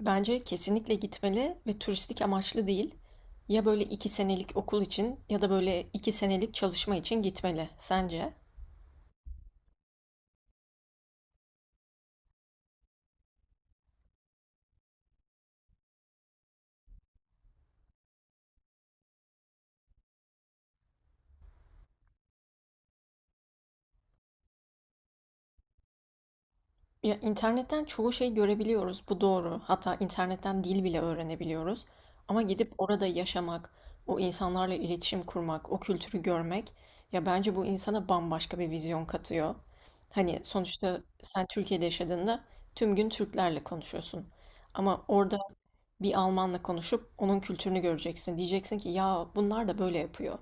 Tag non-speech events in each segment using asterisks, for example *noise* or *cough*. Bence kesinlikle gitmeli ve turistik amaçlı değil. Ya böyle 2 senelik okul için ya da böyle 2 senelik çalışma için gitmeli sence? Ya internetten çoğu şey görebiliyoruz, bu doğru. Hatta internetten dil bile öğrenebiliyoruz. Ama gidip orada yaşamak, o insanlarla iletişim kurmak, o kültürü görmek, ya bence bu insana bambaşka bir vizyon katıyor. Hani sonuçta sen Türkiye'de yaşadığında tüm gün Türklerle konuşuyorsun. Ama orada bir Almanla konuşup onun kültürünü göreceksin. Diyeceksin ki ya bunlar da böyle yapıyor.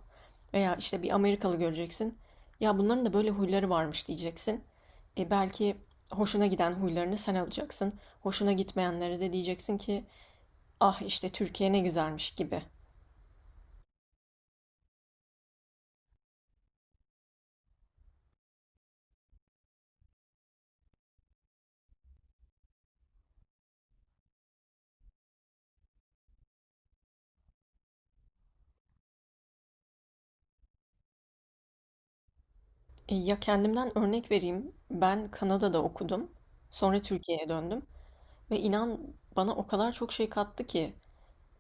Veya işte bir Amerikalı göreceksin. Ya bunların da böyle huyları varmış diyeceksin. E belki hoşuna giden huylarını sen alacaksın. Hoşuna gitmeyenlere de diyeceksin ki ah işte Türkiye ne güzelmiş gibi. Ya kendimden örnek vereyim. Ben Kanada'da okudum. Sonra Türkiye'ye döndüm. Ve inan bana o kadar çok şey kattı ki.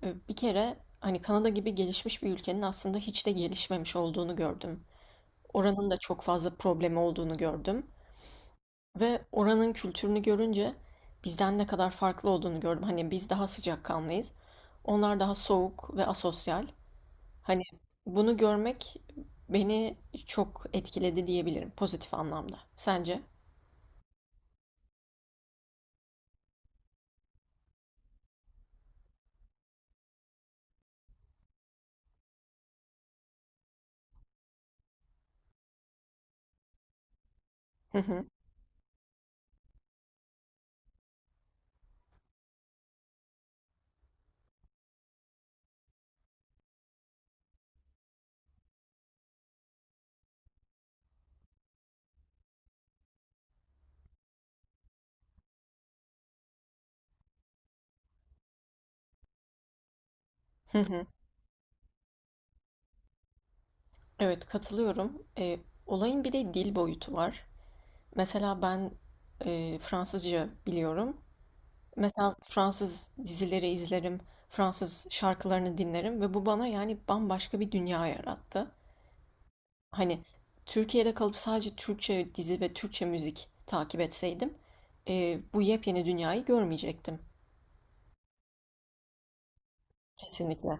Bir kere hani Kanada gibi gelişmiş bir ülkenin aslında hiç de gelişmemiş olduğunu gördüm. Oranın da çok fazla problemi olduğunu gördüm ve oranın kültürünü görünce bizden ne kadar farklı olduğunu gördüm. Hani biz daha sıcakkanlıyız. Onlar daha soğuk ve asosyal. Hani bunu görmek beni çok etkiledi diyebilirim pozitif anlamda. Sence? Hı hı, hı hı. Evet, katılıyorum. Olayın bir de dil boyutu var. Mesela ben Fransızca biliyorum. Mesela Fransız dizileri izlerim, Fransız şarkılarını dinlerim ve bu bana yani bambaşka bir dünya yarattı. Hani Türkiye'de kalıp sadece Türkçe dizi ve Türkçe müzik takip etseydim, bu yepyeni dünyayı görmeyecektim. Kesinlikle.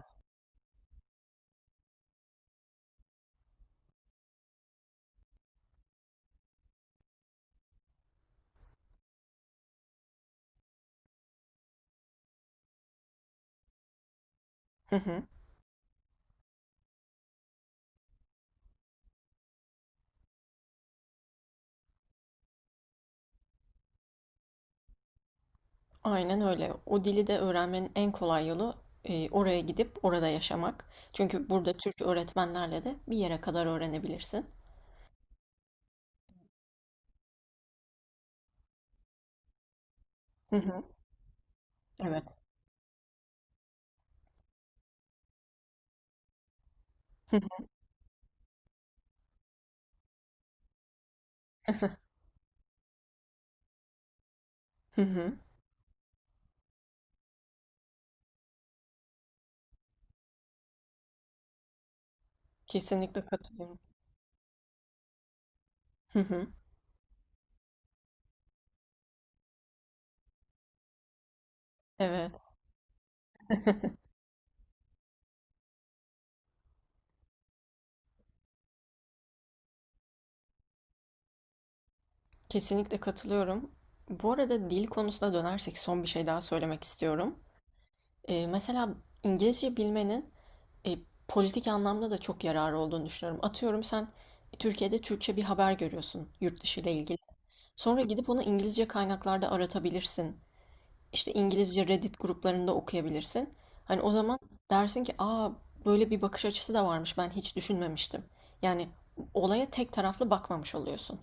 Hı hı. Aynen öyle. O dili de öğrenmenin en kolay yolu oraya gidip orada yaşamak. Çünkü burada Türk öğretmenlerle de bir yere kadar öğrenebilirsin. Hı hı. Evet. *laughs* Hı hı. Kesinlikle katılıyorum. Hı hı. Evet. *laughs* Kesinlikle katılıyorum. Bu arada dil konusuna dönersek son bir şey daha söylemek istiyorum. Mesela İngilizce bilmenin e, politik anlamda da çok yararı olduğunu düşünüyorum. Atıyorum sen Türkiye'de Türkçe bir haber görüyorsun yurt dışı ile ilgili. Sonra gidip onu İngilizce kaynaklarda aratabilirsin. İşte İngilizce Reddit gruplarında okuyabilirsin. Hani o zaman dersin ki aa böyle bir bakış açısı da varmış, ben hiç düşünmemiştim. Yani olaya tek taraflı bakmamış oluyorsun.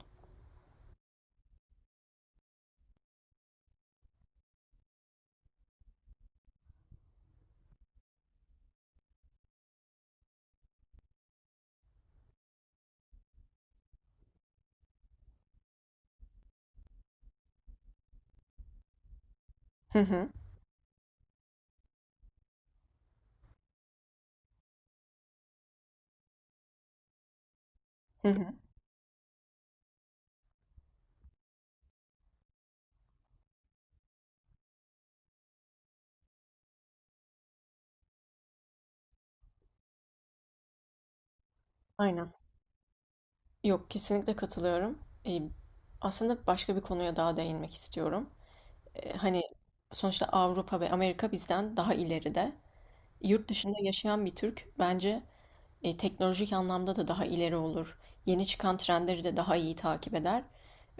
Hı hı. Hı hı. Aynen. Yok, kesinlikle katılıyorum. Eee, aslında başka bir konuya daha değinmek istiyorum. Hani sonuçta Avrupa ve Amerika bizden daha ileride. Yurt dışında yaşayan bir Türk bence teknolojik anlamda da daha ileri olur. Yeni çıkan trendleri de daha iyi takip eder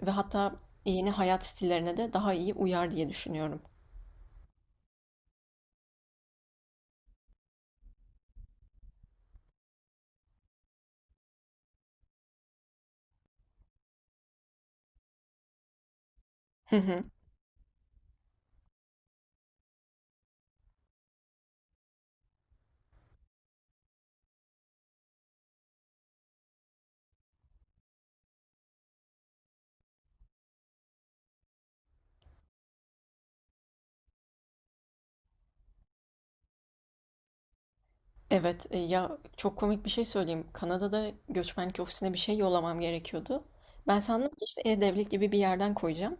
ve hatta yeni hayat stillerine de daha iyi uyar diye düşünüyorum. Hı hı. Evet, ya çok komik bir şey söyleyeyim. Kanada'da göçmenlik ofisine bir şey yollamam gerekiyordu. Ben sandım ki işte e-devlet gibi bir yerden koyacağım.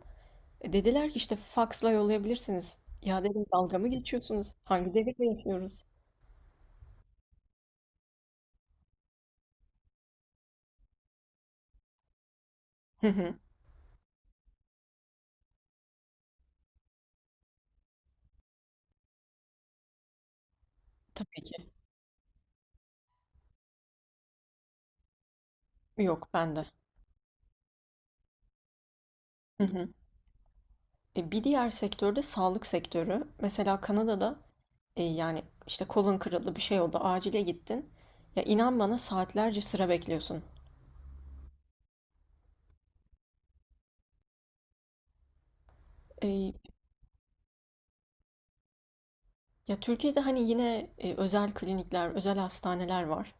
Dediler ki işte faksla yollayabilirsiniz. Ya dedim, dalga mı geçiyorsunuz? Hangi devirde yaşıyoruz? Hı hı. Tabii ki. Yok bende. Hı hı. Bir diğer sektörde sağlık sektörü. Mesela Kanada'da yani işte kolun kırıldı, bir şey oldu, acile gittin. Ya inan bana saatlerce sıra bekliyorsun. E, ya Türkiye'de hani yine özel klinikler, özel hastaneler var.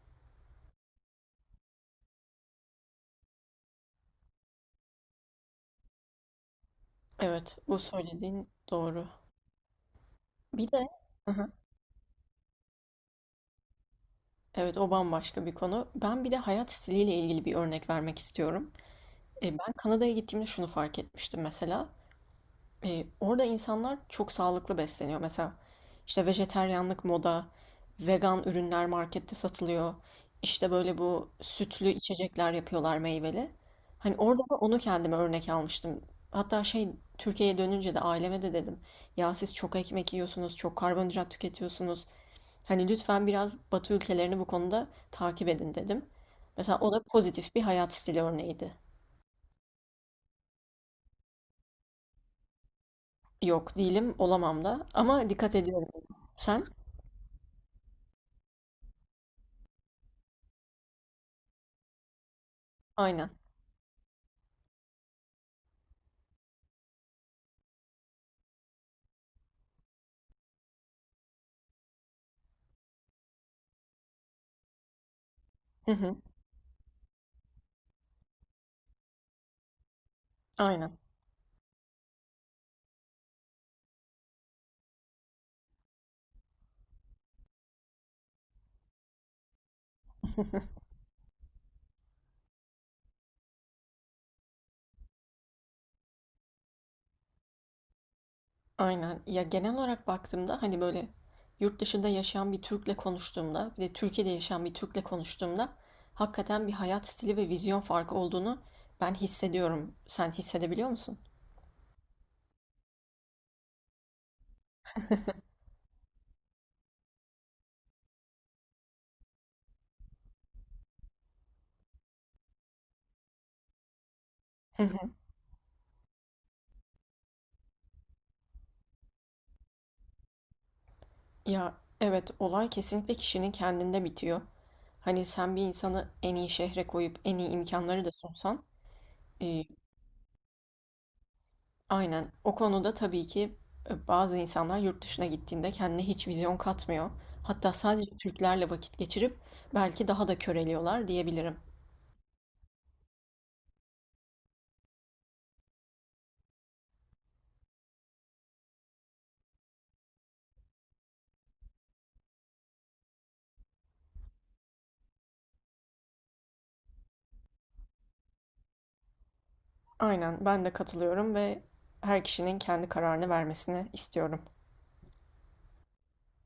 Evet, bu söylediğin doğru. Bir de hı hı. Evet, o bambaşka bir konu. Ben bir de hayat stiliyle ilgili bir örnek vermek istiyorum. Ben Kanada'ya gittiğimde şunu fark etmiştim mesela. Orada insanlar çok sağlıklı besleniyor. Mesela işte vejeteryanlık moda, vegan ürünler markette satılıyor. İşte böyle bu sütlü içecekler yapıyorlar meyveli. Hani orada da onu kendime örnek almıştım. Hatta şey, Türkiye'ye dönünce de aileme de dedim. Ya siz çok ekmek yiyorsunuz, çok karbonhidrat tüketiyorsunuz. Hani lütfen biraz Batı ülkelerini bu konuda takip edin dedim. Mesela o da pozitif bir hayat stili örneğiydi. Yok, değilim, olamam da, ama dikkat ediyorum. Sen? Aynen. Hı hı. Aynen. Aynen. Ya genel olarak baktığımda hani böyle yurt dışında yaşayan bir Türk'le konuştuğumda bir de Türkiye'de yaşayan bir Türk'le konuştuğumda hakikaten bir hayat stili ve vizyon farkı olduğunu ben hissediyorum. Sen hissedebiliyor musun? Hı hı. Ya evet, olay kesinlikle kişinin kendinde bitiyor. Hani sen bir insanı en iyi şehre koyup en iyi imkanları da sunsan e, aynen. O konuda tabii ki bazı insanlar yurt dışına gittiğinde kendine hiç vizyon katmıyor. Hatta sadece Türklerle vakit geçirip belki daha da köreliyorlar diyebilirim. Aynen, ben de katılıyorum ve her kişinin kendi kararını vermesini istiyorum.